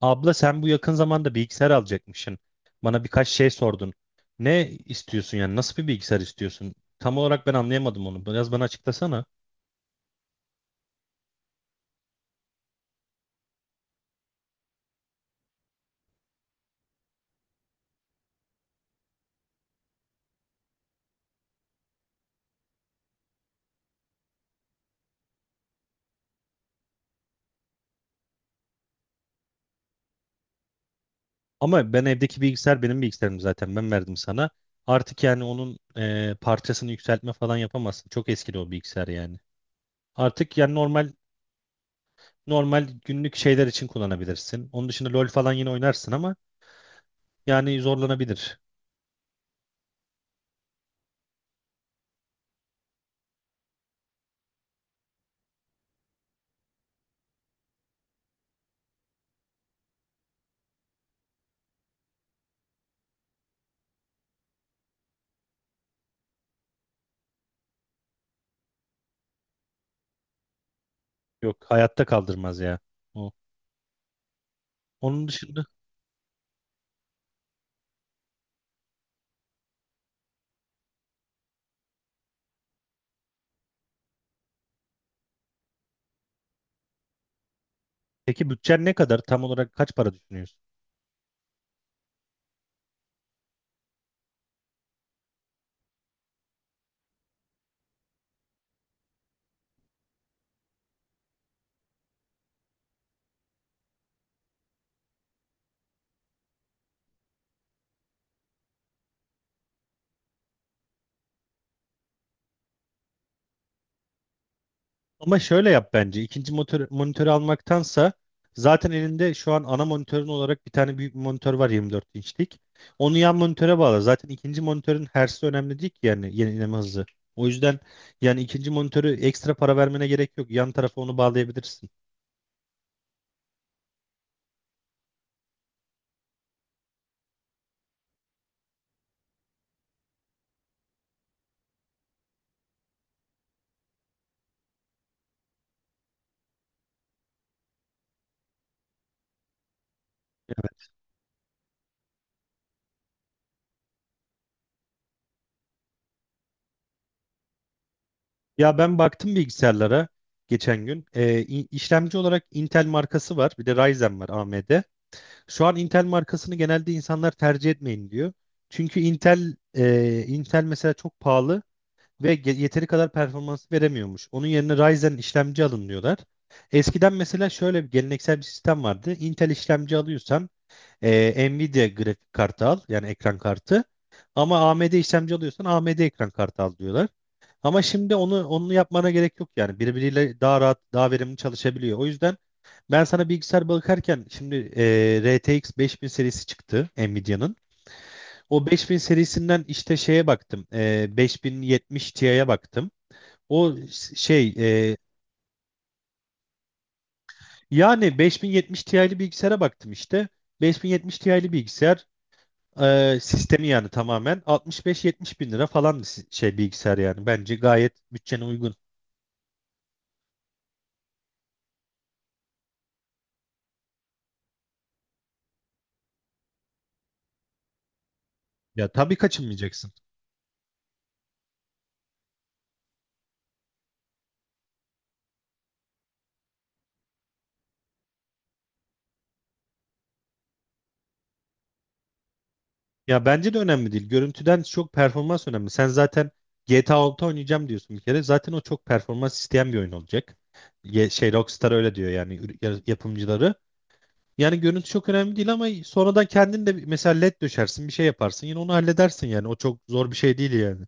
Abla sen bu yakın zamanda bilgisayar alacakmışsın. Bana birkaç şey sordun. Ne istiyorsun yani? Nasıl bir bilgisayar istiyorsun? Tam olarak ben anlayamadım onu. Biraz bana açıklasana. Ama ben evdeki bilgisayar benim bilgisayarım zaten. Ben verdim sana. Artık yani onun parçasını yükseltme falan yapamazsın. Çok eskidi o bilgisayar yani. Artık yani normal günlük şeyler için kullanabilirsin. Onun dışında LoL falan yine oynarsın ama yani zorlanabilir. Yok hayatta kaldırmaz ya. O. Onun dışında peki bütçen ne kadar? Tam olarak kaç para düşünüyorsun? Ama şöyle yap bence. İkinci motor, monitörü almaktansa zaten elinde şu an ana monitörün olarak bir tane büyük bir monitör var, 24 inçlik. Onu yan monitöre bağla. Zaten ikinci monitörün hertz'i önemli değil ki, yani yenileme hızı. O yüzden yani ikinci monitörü ekstra para vermene gerek yok. Yan tarafa onu bağlayabilirsin. Ya ben baktım bilgisayarlara geçen gün. İşlemci olarak Intel markası var. Bir de Ryzen var, AMD. Şu an Intel markasını genelde insanlar tercih etmeyin diyor. Çünkü Intel Intel mesela çok pahalı ve yeteri kadar performans veremiyormuş. Onun yerine Ryzen işlemci alın diyorlar. Eskiden mesela şöyle bir geleneksel bir sistem vardı. Intel işlemci alıyorsan Nvidia grafik kartı al, yani ekran kartı. Ama AMD işlemci alıyorsan AMD ekran kartı al diyorlar. Ama şimdi onu yapmana gerek yok yani. Birbiriyle daha rahat, daha verimli çalışabiliyor. O yüzden ben sana bilgisayar bakarken şimdi RTX 5000 serisi çıktı Nvidia'nın. O 5000 serisinden işte şeye baktım. 5070 Ti'ye baktım. O şey e, yani 5070 Ti'li bilgisayara baktım işte. 5070 Ti'li bilgisayar sistemi yani tamamen 65-70 bin lira falan şey bilgisayar yani. Bence gayet bütçene uygun. Ya tabii kaçınmayacaksın. Ya bence de önemli değil. Görüntüden çok performans önemli. Sen zaten GTA 6 oynayacağım diyorsun bir kere. Zaten o çok performans isteyen bir oyun olacak. Şey Rockstar öyle diyor, yani yapımcıları. Yani görüntü çok önemli değil ama sonradan kendin de mesela led döşersin, bir şey yaparsın, yine onu halledersin yani. O çok zor bir şey değil yani.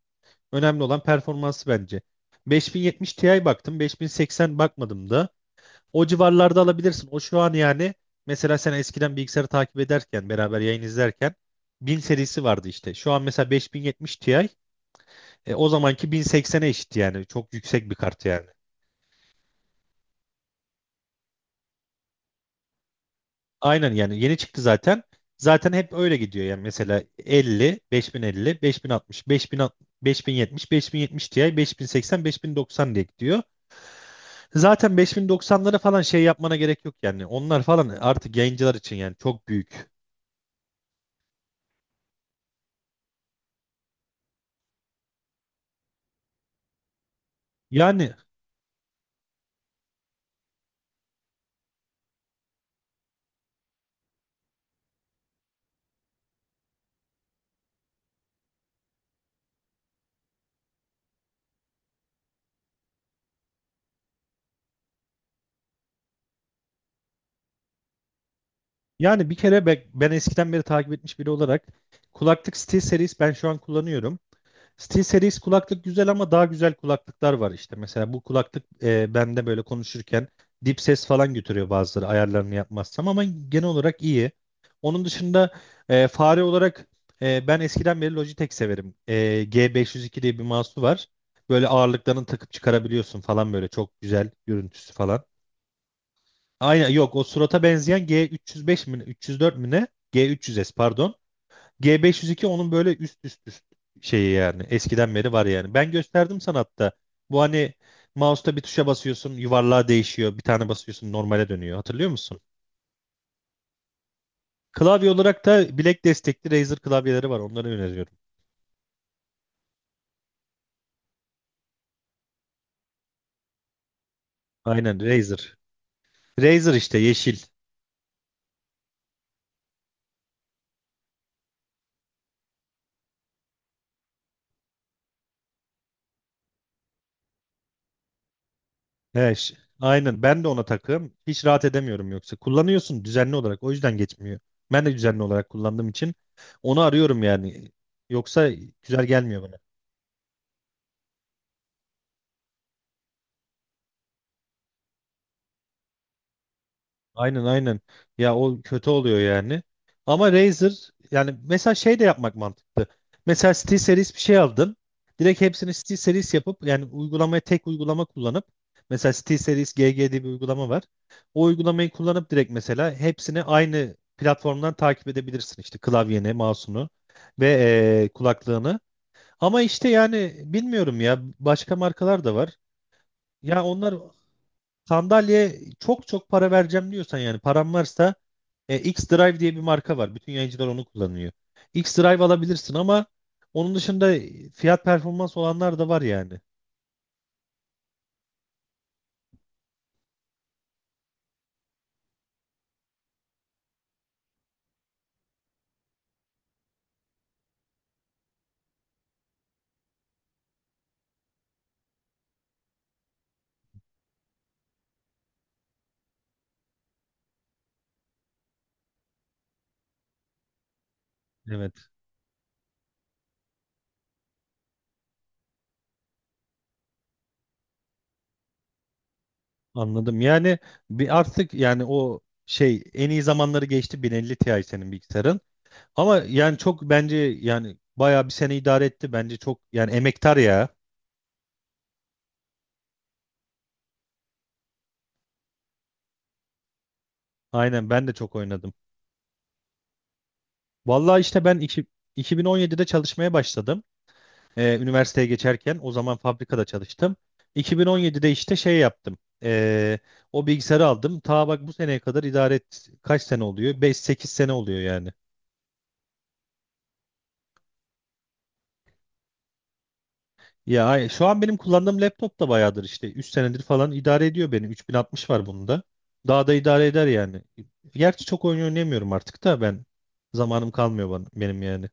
Önemli olan performansı bence. 5070 Ti baktım, 5080 bakmadım da o civarlarda alabilirsin. O şu an yani mesela sen eskiden bilgisayarı takip ederken beraber yayın izlerken 1000 serisi vardı işte. Şu an mesela 5070 Ti o zamanki 1080'e eşit, yani çok yüksek bir kart yani. Aynen, yani yeni çıktı zaten. Zaten hep öyle gidiyor yani. Mesela 50, 5050, 5060, 5060, 5070, 5070 Ti, 5080, 5090 diye gidiyor. Zaten 5090'ları falan şey yapmana gerek yok yani. Onlar falan artık yayıncılar için yani, çok büyük. Yani bir kere ben eskiden beri takip etmiş biri olarak kulaklık SteelSeries ben şu an kullanıyorum. SteelSeries kulaklık güzel ama daha güzel kulaklıklar var işte. Mesela bu kulaklık bende böyle konuşurken dip ses falan götürüyor bazıları, ayarlarını yapmazsam. Ama genel olarak iyi. Onun dışında fare olarak ben eskiden beri Logitech severim. G502 diye bir mouse'u var. Böyle ağırlıklarını takıp çıkarabiliyorsun falan, böyle çok güzel görüntüsü falan. Aynen, yok o surata benzeyen G305 mi ne, 304 mi ne? G300S pardon. G502 onun böyle üst şeyi yani. Eskiden beri var yani. Ben gösterdim sana hatta. Bu hani mouse'ta bir tuşa basıyorsun, yuvarlağa değişiyor. Bir tane basıyorsun, normale dönüyor. Hatırlıyor musun? Klavye olarak da bilek destekli Razer klavyeleri var. Onları öneriyorum. Aynen, Razer. Razer işte, yeşil. He, aynen, ben de ona takığım. Hiç rahat edemiyorum yoksa. Kullanıyorsun düzenli olarak. O yüzden geçmiyor. Ben de düzenli olarak kullandığım için onu arıyorum yani. Yoksa güzel gelmiyor bana. Aynen, aynen. Ya o kötü oluyor yani. Ama Razer yani. Mesela şey de yapmak mantıklı. Mesela SteelSeries bir şey aldın. Direkt hepsini SteelSeries yapıp yani uygulamaya, tek uygulama kullanıp. Mesela SteelSeries GG diye bir uygulama var. O uygulamayı kullanıp direkt mesela hepsini aynı platformdan takip edebilirsin. İşte klavyeni, mouse'unu ve kulaklığını. Ama işte yani bilmiyorum ya, başka markalar da var. Ya onlar, sandalye çok çok para vereceğim diyorsan, yani param varsa X-Drive diye bir marka var. Bütün yayıncılar onu kullanıyor. X-Drive alabilirsin ama onun dışında fiyat performans olanlar da var yani. Evet, anladım. Yani bir, artık yani o şey, en iyi zamanları geçti. 1050 Ti senin bilgisayarın. Ama yani çok bence, yani bayağı bir sene idare etti. Bence çok yani, emektar ya. Aynen, ben de çok oynadım. Vallahi işte ben iki, 2017'de çalışmaya başladım. Üniversiteye geçerken o zaman fabrikada çalıştım. 2017'de işte şey yaptım. Ee, o bilgisayarı aldım. Ta bak bu seneye kadar idare et. Kaç sene oluyor? Beş, sekiz sene oluyor yani. Ya şu an benim kullandığım laptop da bayağıdır işte. 3 senedir falan idare ediyor beni. 3060 var bunda. Daha da idare eder yani. Gerçi çok oyun oynayamıyorum artık da ben. Zamanım kalmıyor bana, benim yani.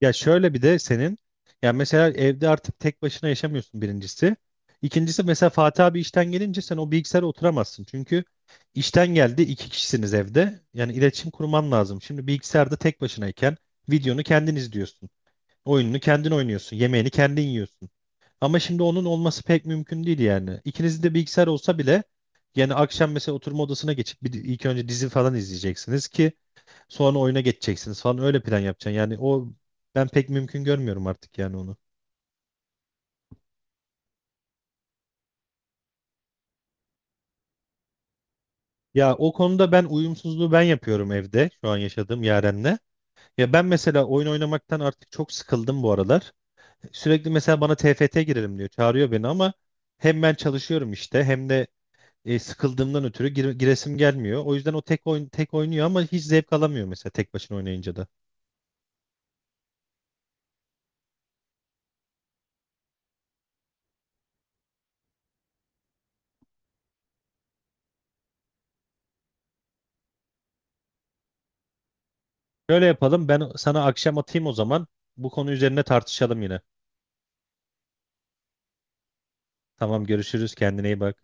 Ya şöyle bir de senin, ya mesela evde artık tek başına yaşamıyorsun birincisi. İkincisi, mesela Fatih abi işten gelince sen o bilgisayara oturamazsın. Çünkü işten geldi, 2 kişisiniz evde. Yani iletişim kurman lazım. Şimdi bilgisayarda tek başınayken videonu kendin izliyorsun. Oyununu kendin oynuyorsun. Yemeğini kendin yiyorsun. Ama şimdi onun olması pek mümkün değil yani. İkinizin de bilgisayar olsa bile yani akşam mesela oturma odasına geçip bir, ilk önce dizi falan izleyeceksiniz ki sonra oyuna geçeceksiniz falan, öyle plan yapacaksın. Yani o, ben pek mümkün görmüyorum artık yani onu. Ya o konuda ben uyumsuzluğu ben yapıyorum evde, şu an yaşadığım Yaren'le. Ya ben mesela oyun oynamaktan artık çok sıkıldım bu aralar. Sürekli mesela bana TFT girelim diyor. Çağırıyor beni ama hem ben çalışıyorum işte, hem de sıkıldığımdan ötürü giresim gelmiyor. O yüzden o tek oyun, tek oynuyor ama hiç zevk alamıyor mesela tek başına oynayınca da. Şöyle yapalım, ben sana akşam atayım o zaman. Bu konu üzerine tartışalım yine. Tamam, görüşürüz, kendine iyi bak.